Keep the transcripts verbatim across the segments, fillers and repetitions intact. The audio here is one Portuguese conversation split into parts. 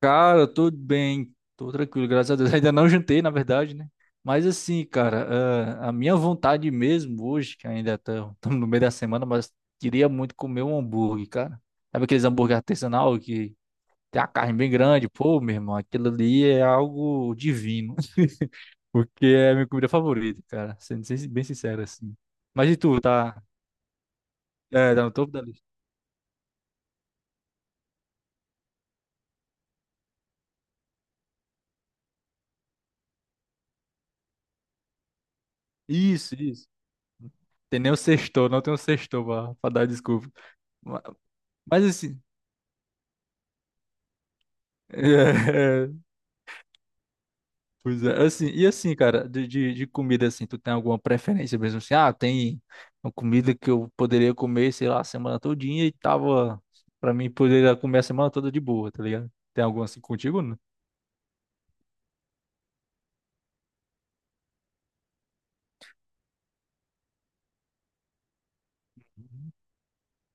Cara, tudo bem, tô tranquilo, graças a Deus. Ainda não jantei, na verdade, né? Mas assim, cara, ah, a minha vontade mesmo hoje, que ainda estamos no meio da semana, mas queria muito comer um hambúrguer, cara. Sabe aqueles hambúrguer artesanal que tem a carne bem grande? Pô, meu irmão, aquilo ali é algo divino, porque é a minha comida favorita, cara, sendo sin- bem sincero assim. Mas e tu, tá? É, tá no topo da lista. Isso, isso. Tem nem o sextou, não tem o sextou pra, pra dar desculpa. Ma- Mas assim. É, pois é, assim, e assim, cara, de, de, de comida, assim, tu tem alguma preferência mesmo, assim, ah, tem uma comida que eu poderia comer, sei lá, a semana todinha e tava, pra mim, poderia comer a semana toda de boa, tá ligado? Tem alguma assim contigo, né?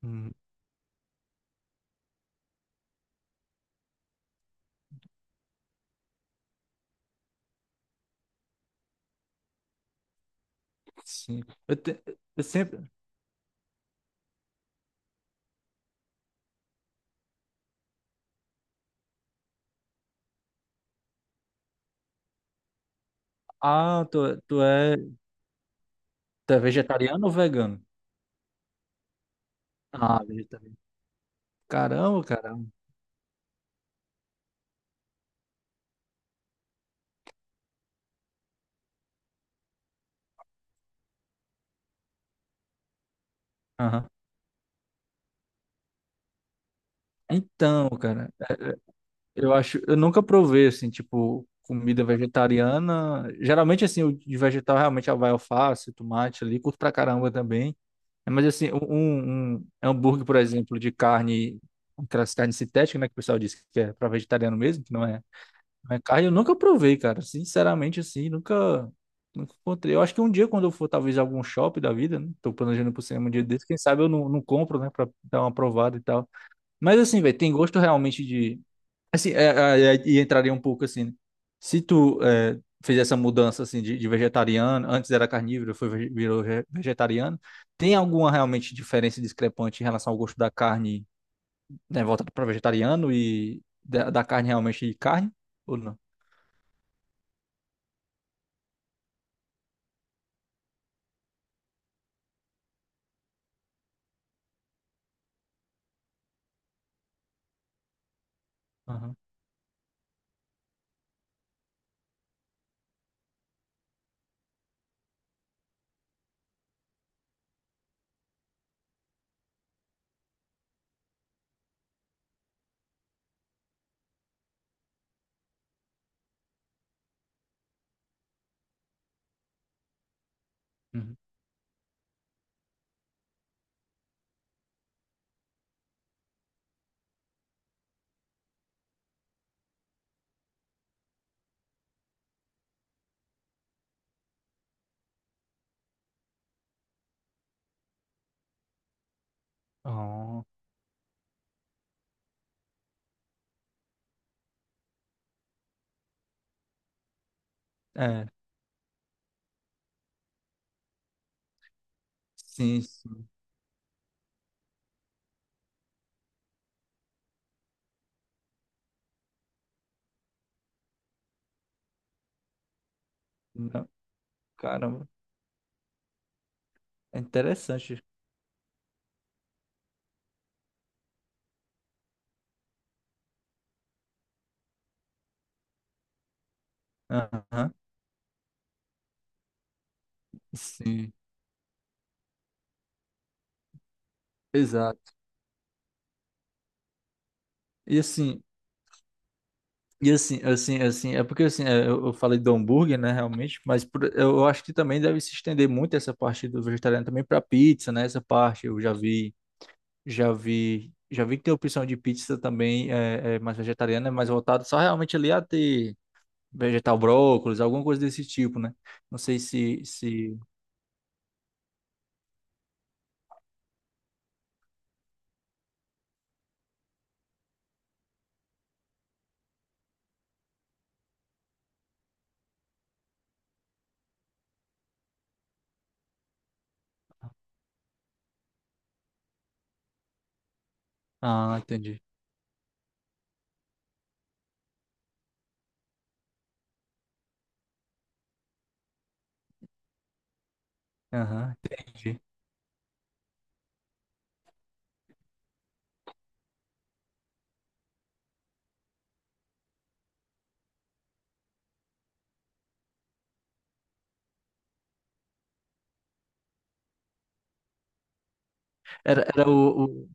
Hum, sim, eu, te- eu sempre, ah, tu, tu é, tu é vegetariano ou vegano? Ah, vegetariano, caramba, caramba. Aham. Então, cara. Eu acho, eu nunca provei assim, tipo, comida vegetariana. Geralmente assim, o de vegetal realmente vai alface, tomate ali, curto pra caramba também. Mas assim, um, um um hambúrguer, por exemplo, de carne, aquelas carnes sintéticas, né, que o pessoal diz que é pra vegetariano mesmo, que não é, não é carne, eu nunca provei, cara. Sinceramente assim, nunca nunca encontrei. Eu acho que um dia quando eu for talvez a algum shopping da vida, né, tô planejando pro cinema um dia desse, quem sabe eu não, não compro, né, pra dar uma provada e tal. Mas assim, velho, tem gosto realmente. Assim, é, é, é, e entraria um pouco assim, né? se tu é, fez essa mudança assim de, de vegetariano, antes era carnívoro, foi vege- virou ve- vegetariano, tem alguma realmente diferença discrepante em relação ao gosto da carne, né, voltada para vegetariano e da, da carne realmente de carne ou não? Aham, uhum. Oh, é. Sim, sim. Não, caramba, é interessante. Aham, sim, exato. E assim, e assim, assim, assim, é porque assim, é, eu, eu falei do hambúrguer, né, realmente, mas por- eu eu acho que também deve se estender muito essa parte do vegetariano também para pizza, né? Essa parte eu já vi, já vi, já vi que tem opção de pizza também é, é mais vegetariana, é mais voltada só realmente ali a ter vegetal brócolis, alguma coisa desse tipo, né? Não sei se, se... Ah, entendi. Aham, entendi. Era, era o, o-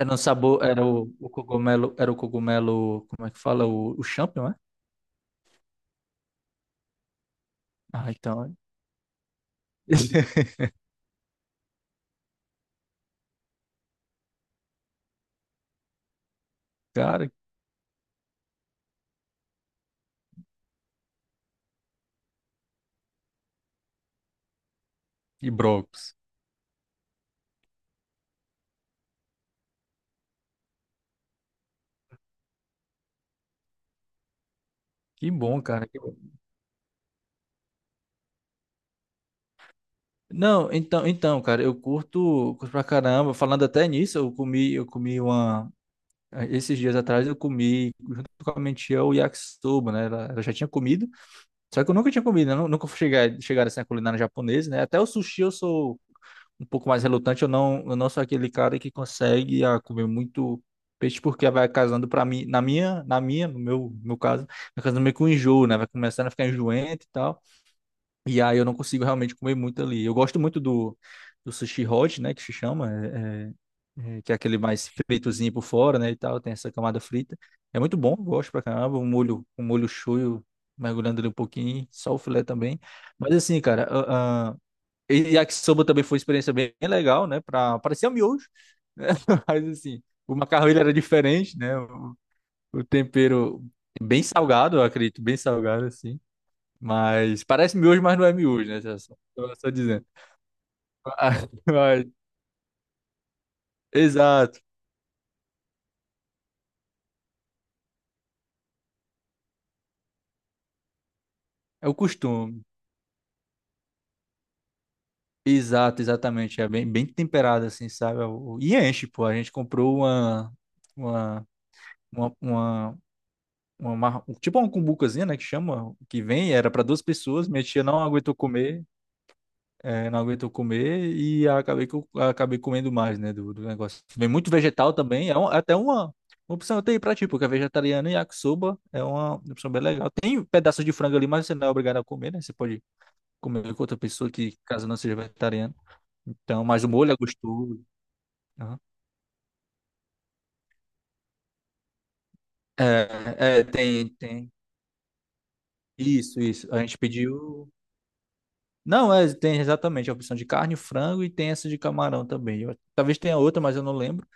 Era um sabor, era o, o cogumelo, era o cogumelo, como é que fala? O, o champignon, é? Ah, então. Cara, que brócolis. Que bom, cara. Que bom. Não, então, então, cara, eu curto, curto pra caramba. Falando até nisso, eu comi, eu comi uma. Esses dias atrás eu comi, junto com a minha tia, o yakisoba, né? Ela, ela já tinha comido, só que eu nunca tinha comido, né? Nu- Nunca fui chegar, chegar assim, a culinária japonesa, né? Até o sushi eu sou um pouco mais relutante. Eu não, eu não sou aquele cara que consegue ah, comer muito peixe porque vai casando para mim, na minha, na minha, no meu, no meu caso, vai casando meio com enjoo, né? Vai começando a ficar enjoente e tal. E aí eu não consigo realmente comer muito ali. Eu gosto muito do do sushi hot, né, que se chama, é, é, é, que é aquele mais fritozinho por fora, né, e tal, tem essa camada frita. É muito bom, eu gosto pra caramba, um molho, um molho shoyu mergulhando ali um pouquinho, só o filé também. Mas assim, cara, ah, ah, e yakisoba também foi uma experiência bem legal, né? Pra... Parecia miojo, né? Mas assim, o macarrão ele era diferente, né? O, o tempero bem salgado, eu acredito, bem salgado, assim. Mas parece miojo, mas não é miojo, né? Só, só só dizendo. Mas- Exato. É o costume. Exato, exatamente. É bem, bem temperado, assim, sabe? O- E enche, pô. A gente comprou uma, uma, uma, uma- uma mar- tipo uma cumbucazinha, né, que chama, que vem, era para duas pessoas, minha tia não aguentou comer, é, não aguentou comer e acabei, que eu- acabei comendo mais, né, do, do negócio. Vem muito vegetal também, é um- é até uma, uma opção até aí pra ti, porque é vegetariano e yakisoba é uma opção bem legal. Tem pedaços de frango ali, mas você não é obrigado a comer, né? Você pode comer com outra pessoa que, caso não seja vegetariano. Então, mas o molho é gostoso. Aham. É, é, tem, tem. Isso, isso. A gente pediu. Não, é, tem exatamente a opção de carne, frango e tem essa de camarão também. Eu- talvez tenha outra, mas eu não lembro.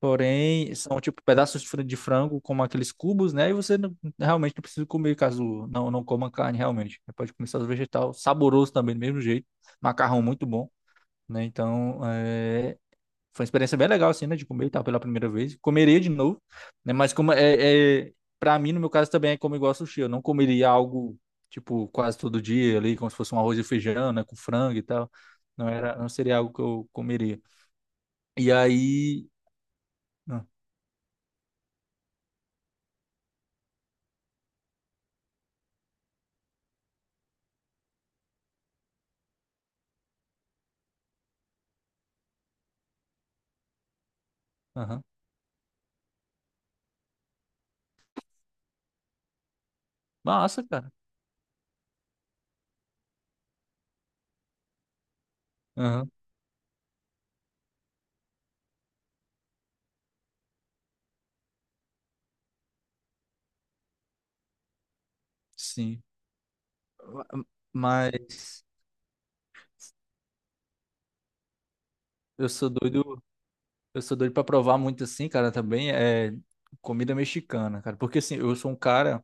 Porém, são tipo pedaços de fran- de frango, como aqueles cubos, né? E você não- realmente não precisa comer caso não, não coma carne, realmente. Você pode comer só os vegetal, saboroso também, do mesmo jeito. Macarrão muito bom, né? Então, é, foi uma experiência bem legal, assim, né? De comer, e tal pela primeira vez. Comeria de novo, né? Mas como é, é... Pra mim, no meu caso, também é como igual sushi. Eu não comeria algo, tipo, quase todo dia ali, como se fosse um arroz e feijão, né? Com frango e tal. Não era, não seria algo que eu comeria. E aí... ah, Aham. Massa, cara. Aham, sim. Mas eu sou doido, eu sou doido pra provar muito assim, cara, também é comida mexicana, cara. Porque assim, eu sou um cara.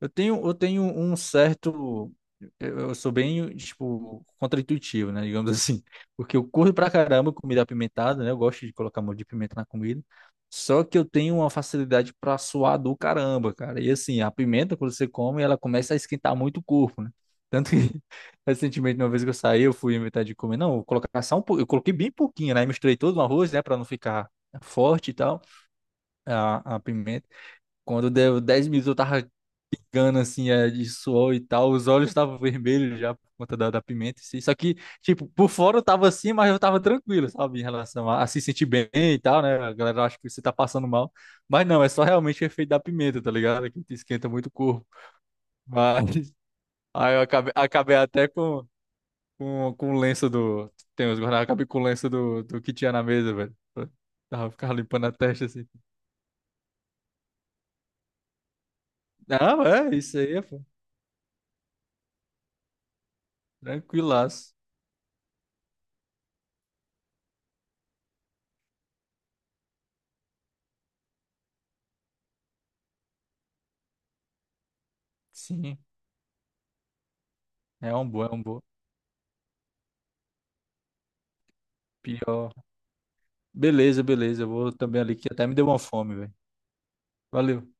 Eu tenho, eu tenho um certo. Eu eu sou bem, tipo, contraintuitivo, né? Digamos assim. Porque eu curto pra caramba comida apimentada, né? Eu gosto de colocar molho de pimenta na comida. Só que eu tenho uma facilidade pra suar do caramba, cara. E assim, a pimenta, quando você come, ela começa a esquentar muito o corpo, né? Tanto que, recentemente, uma vez que eu saí, eu fui inventar de comer. Não, eu colocar só um pouco. Eu coloquei bem pouquinho, né? Misturei todo no arroz, né? Pra não ficar forte e tal, a, a pimenta. Quando deu dez minutos, eu tava gana, assim, é, de suor e tal. Os olhos estavam vermelhos já por conta da, da pimenta. Assim. Só que, tipo, por fora eu tava assim, mas eu tava tranquilo, sabe? Em relação a, a se sentir bem e tal, né? A galera acha que você tá passando mal. Mas não, é só realmente o efeito da pimenta, tá ligado? Que te esquenta muito o corpo. Mas aí eu acabei, acabei até com, com, com o lenço do. Tem os guardanapos, acabei com o lenço do, do que tinha na mesa, velho. Tava ficava limpando a testa assim. Não, é, isso aí, é, pô. Tranquilaço. Sim, é um bom, é um bom. Pior. Beleza, beleza. Eu vou também ali que até me deu uma fome, velho. Valeu.